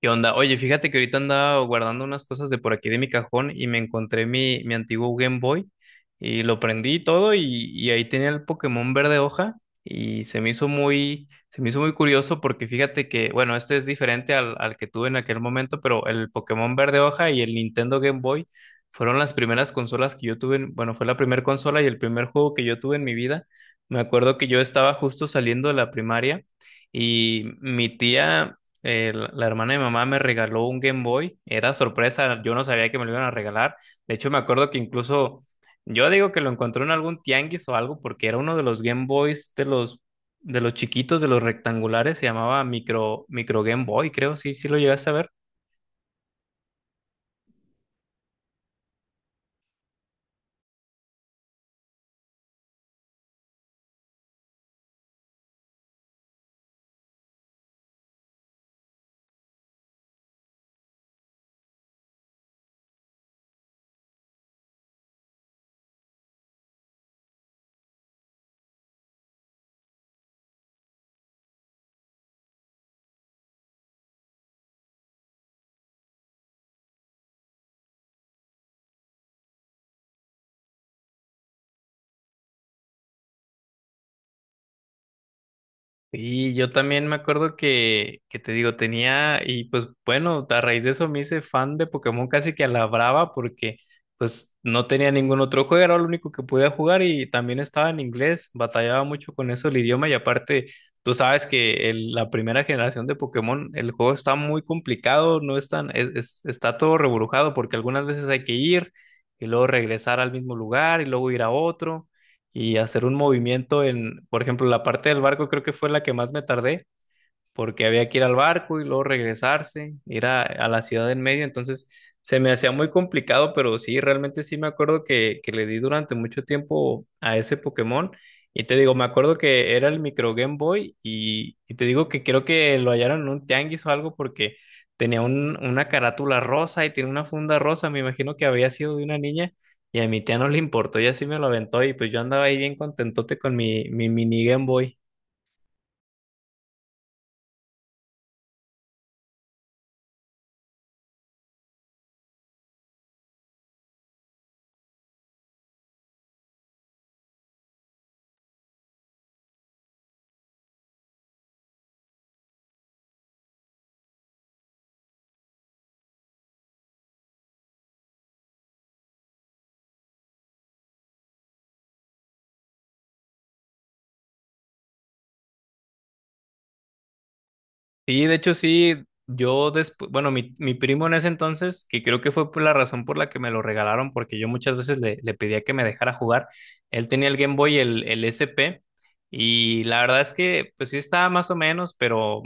¿Qué onda? Oye, fíjate que ahorita andaba guardando unas cosas de por aquí de mi cajón y me encontré mi antiguo Game Boy y lo prendí y todo y ahí tenía el Pokémon verde hoja y se me hizo se me hizo muy curioso porque fíjate que, bueno, este es diferente al que tuve en aquel momento, pero el Pokémon verde hoja y el Nintendo Game Boy fueron las primeras consolas que yo tuve, bueno, fue la primera consola y el primer juego que yo tuve en mi vida. Me acuerdo que yo estaba justo saliendo de la primaria. Y mi tía la hermana de mi mamá me regaló un Game Boy. Era sorpresa, yo no sabía que me lo iban a regalar. De hecho, me acuerdo que incluso yo digo que lo encontré en algún tianguis o algo, porque era uno de los Game Boys de de los chiquitos, de los rectangulares, se llamaba micro Game Boy, creo, sí, sí lo llegaste a ver. Y yo también me acuerdo que te digo, tenía, y pues bueno, a raíz de eso me hice fan de Pokémon casi que a la brava porque pues no tenía ningún otro juego, era lo único que podía jugar y también estaba en inglés, batallaba mucho con eso el idioma y aparte tú sabes que la primera generación de Pokémon, el juego está muy complicado, no es tan, está todo reburujado porque algunas veces hay que ir y luego regresar al mismo lugar y luego ir a otro y hacer un movimiento en, por ejemplo, la parte del barco creo que fue la que más me tardé porque había que ir al barco y luego regresarse, ir a la ciudad en medio, entonces se me hacía muy complicado, pero sí, realmente sí me acuerdo que le di durante mucho tiempo a ese Pokémon. Y te digo, me acuerdo que era el micro Game Boy y te digo que creo que lo hallaron en un tianguis o algo porque una carátula rosa y tiene una funda rosa, me imagino que había sido de una niña y a mi tía no le importó y así me lo aventó y pues yo andaba ahí bien contentote con mi mini Game Boy. Sí, de hecho sí, yo después, bueno, mi primo en ese entonces, que creo que fue por la razón por la que me lo regalaron, porque yo muchas veces le pedía que me dejara jugar, él tenía el Game Boy, el SP, y la verdad es que pues sí estaba más o menos, pero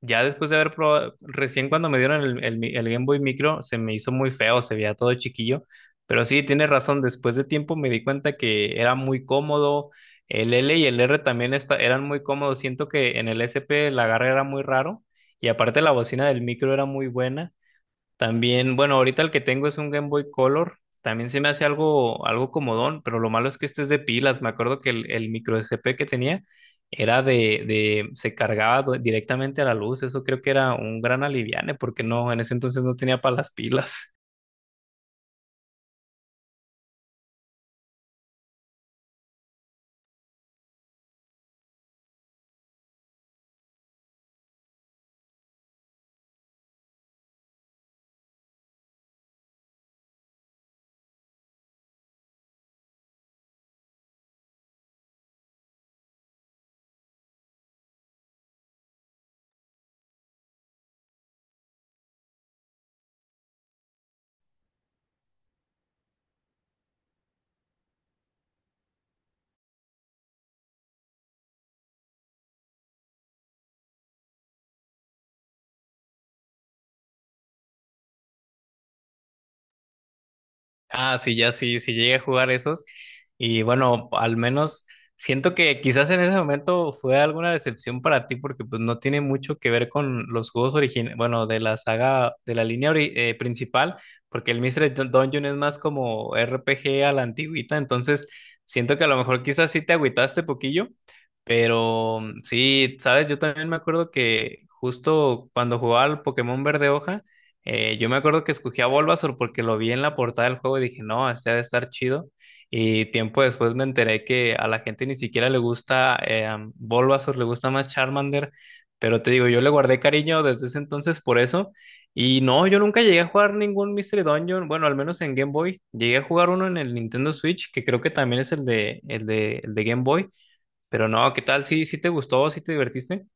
ya después de haber probado, recién cuando me dieron el Game Boy Micro, se me hizo muy feo, se veía todo chiquillo. Pero sí, tiene razón, después de tiempo me di cuenta que era muy cómodo. El L y el R también eran muy cómodos. Siento que en el SP el agarre era muy raro. Y aparte la bocina del micro era muy buena. También, bueno, ahorita el que tengo es un Game Boy Color. También se me hace algo, algo comodón, pero lo malo es que este es de pilas. Me acuerdo que el micro SP que tenía era se cargaba directamente a la luz. Eso creo que era un gran aliviane, porque no, en ese entonces no tenía para las pilas. Ah, sí, ya sí, sí llegué a jugar esos. Y bueno, al menos siento que quizás en ese momento fue alguna decepción para ti porque pues no tiene mucho que ver con los juegos originales, bueno, de la saga, de la principal, porque el Dungeon es más como RPG a la antigüita, entonces siento que a lo mejor quizás sí te agüitaste poquillo, pero sí, sabes, yo también me acuerdo que justo cuando jugaba al Pokémon Verde Hoja, yo me acuerdo que escogí a Bulbasaur porque lo vi en la portada del juego y dije, no, este ha de estar chido. Y tiempo después me enteré que a la gente ni siquiera le gusta Bulbasaur, le gusta más Charmander. Pero te digo, yo le guardé cariño desde ese entonces por eso. Y no, yo nunca llegué a jugar ningún Mystery Dungeon, bueno, al menos en Game Boy. Llegué a jugar uno en el Nintendo Switch, que creo que también es el el de Game Boy. Pero no, ¿qué tal? ¿Sí, sí te gustó? ¿Sí te divertiste?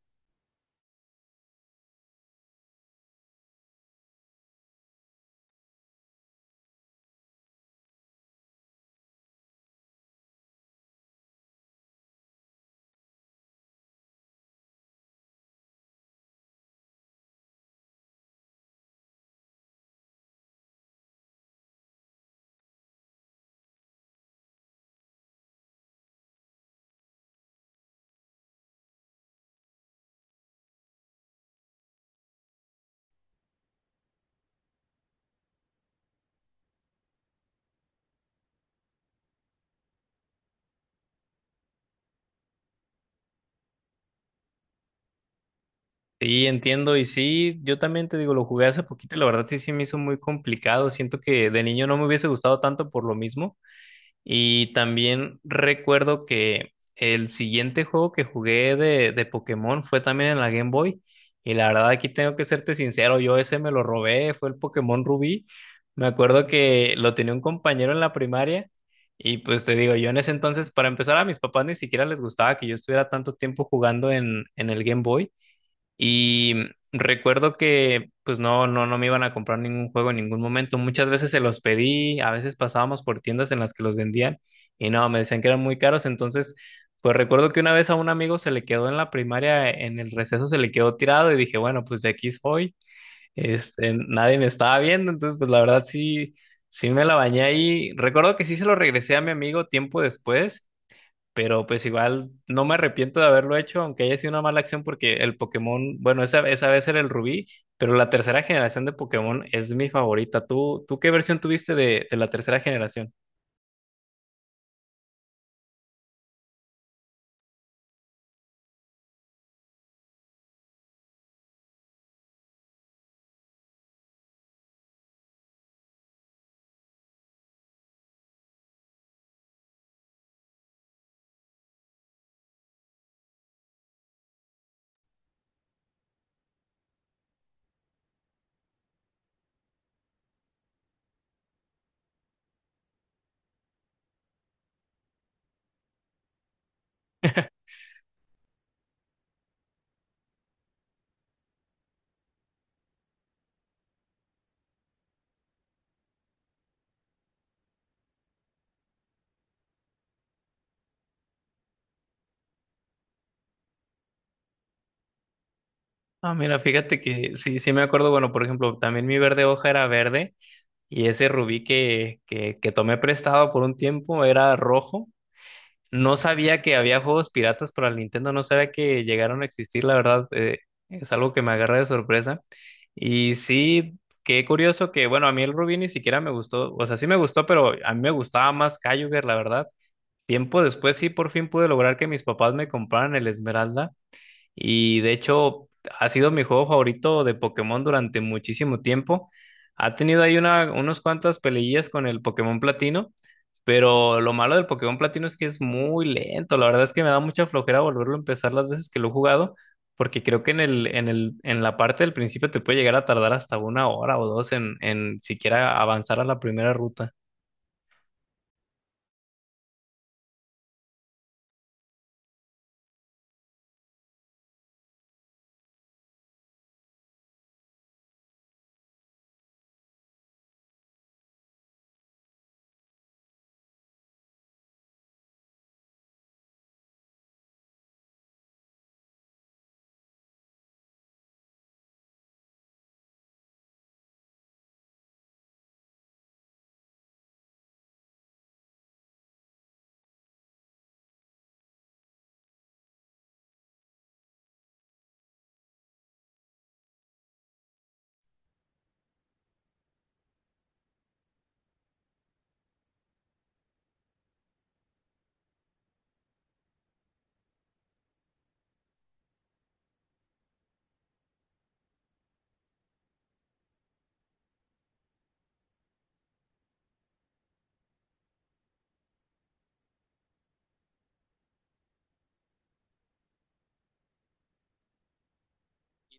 Sí, entiendo. Y sí, yo también te digo, lo jugué hace poquito y la verdad sí, sí me hizo muy complicado. Siento que de niño no me hubiese gustado tanto por lo mismo. Y también recuerdo que el siguiente juego que jugué de Pokémon fue también en la Game Boy. Y la verdad aquí tengo que serte sincero, yo ese me lo robé, fue el Pokémon Rubí. Me acuerdo que lo tenía un compañero en la primaria. Y pues te digo, yo en ese entonces, para empezar, a mis papás ni siquiera les gustaba que yo estuviera tanto tiempo jugando en el Game Boy. Y recuerdo que pues no me iban a comprar ningún juego en ningún momento. Muchas veces se los pedí, a veces pasábamos por tiendas en las que los vendían y no, me decían que eran muy caros. Entonces, pues recuerdo que una vez a un amigo se le quedó en la primaria, en el receso se le quedó tirado y dije, bueno, pues de aquí soy. Este, nadie me estaba viendo, entonces pues la verdad sí, sí me la bañé ahí. Recuerdo que sí se lo regresé a mi amigo tiempo después. Pero pues igual no me arrepiento de haberlo hecho, aunque haya sido una mala acción, porque el Pokémon, bueno, esa vez era el Rubí, pero la tercera generación de Pokémon es mi favorita. Tú qué versión tuviste de la tercera generación? Ah, mira, fíjate que sí, sí me acuerdo, bueno, por ejemplo, también mi verde hoja era verde y ese Rubí que tomé prestado por un tiempo era rojo. No sabía que había juegos piratas para el Nintendo, no sabía que llegaron a existir, la verdad, es algo que me agarra de sorpresa. Y sí, qué curioso que, bueno, a mí el Rubí ni siquiera me gustó, o sea, sí me gustó, pero a mí me gustaba más Kyogre, la verdad. Tiempo después sí por fin pude lograr que mis papás me compraran el Esmeralda. Y de hecho, ha sido mi juego favorito de Pokémon durante muchísimo tiempo. Ha tenido ahí una, unos cuantas peleillas con el Pokémon Platino, pero lo malo del Pokémon Platino es que es muy lento. La verdad es que me da mucha flojera volverlo a empezar las veces que lo he jugado, porque creo que en la parte del principio te puede llegar a tardar hasta una hora o dos en siquiera avanzar a la primera ruta.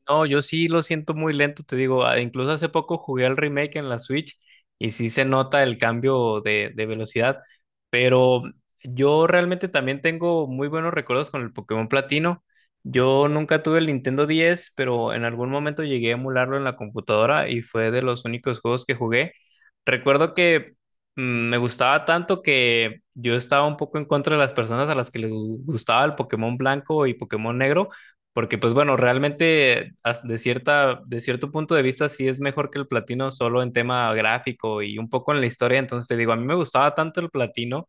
No, yo sí lo siento muy lento, te digo, ah, incluso hace poco jugué al remake en la Switch y sí se nota el cambio de velocidad, pero yo realmente también tengo muy buenos recuerdos con el Pokémon Platino. Yo nunca tuve el Nintendo 10, pero en algún momento llegué a emularlo en la computadora y fue de los únicos juegos que jugué. Recuerdo que mm, me gustaba tanto que yo estaba un poco en contra de las personas a las que gustaba el Pokémon blanco y Pokémon negro porque, pues bueno, realmente de de cierto punto de vista sí es mejor que el platino solo en tema gráfico y un poco en la historia. Entonces te digo, a mí me gustaba tanto el platino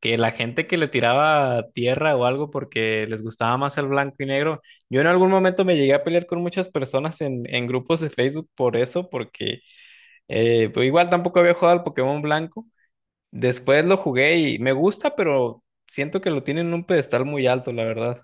que la gente que le tiraba tierra o algo porque les gustaba más el blanco y negro. Yo en algún momento me llegué a pelear con muchas personas en grupos de Facebook por eso, porque pues igual tampoco había jugado al Pokémon blanco. Después lo jugué y me gusta, pero siento que lo tienen en un pedestal muy alto, la verdad.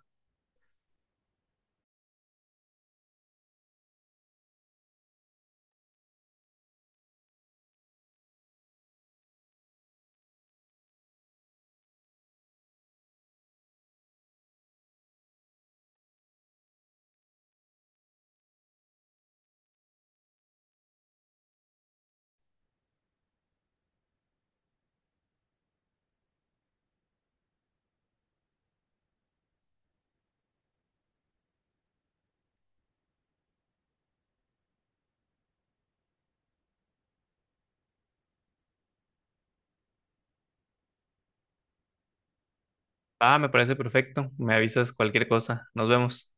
Ah, me parece perfecto. Me avisas cualquier cosa. Nos vemos.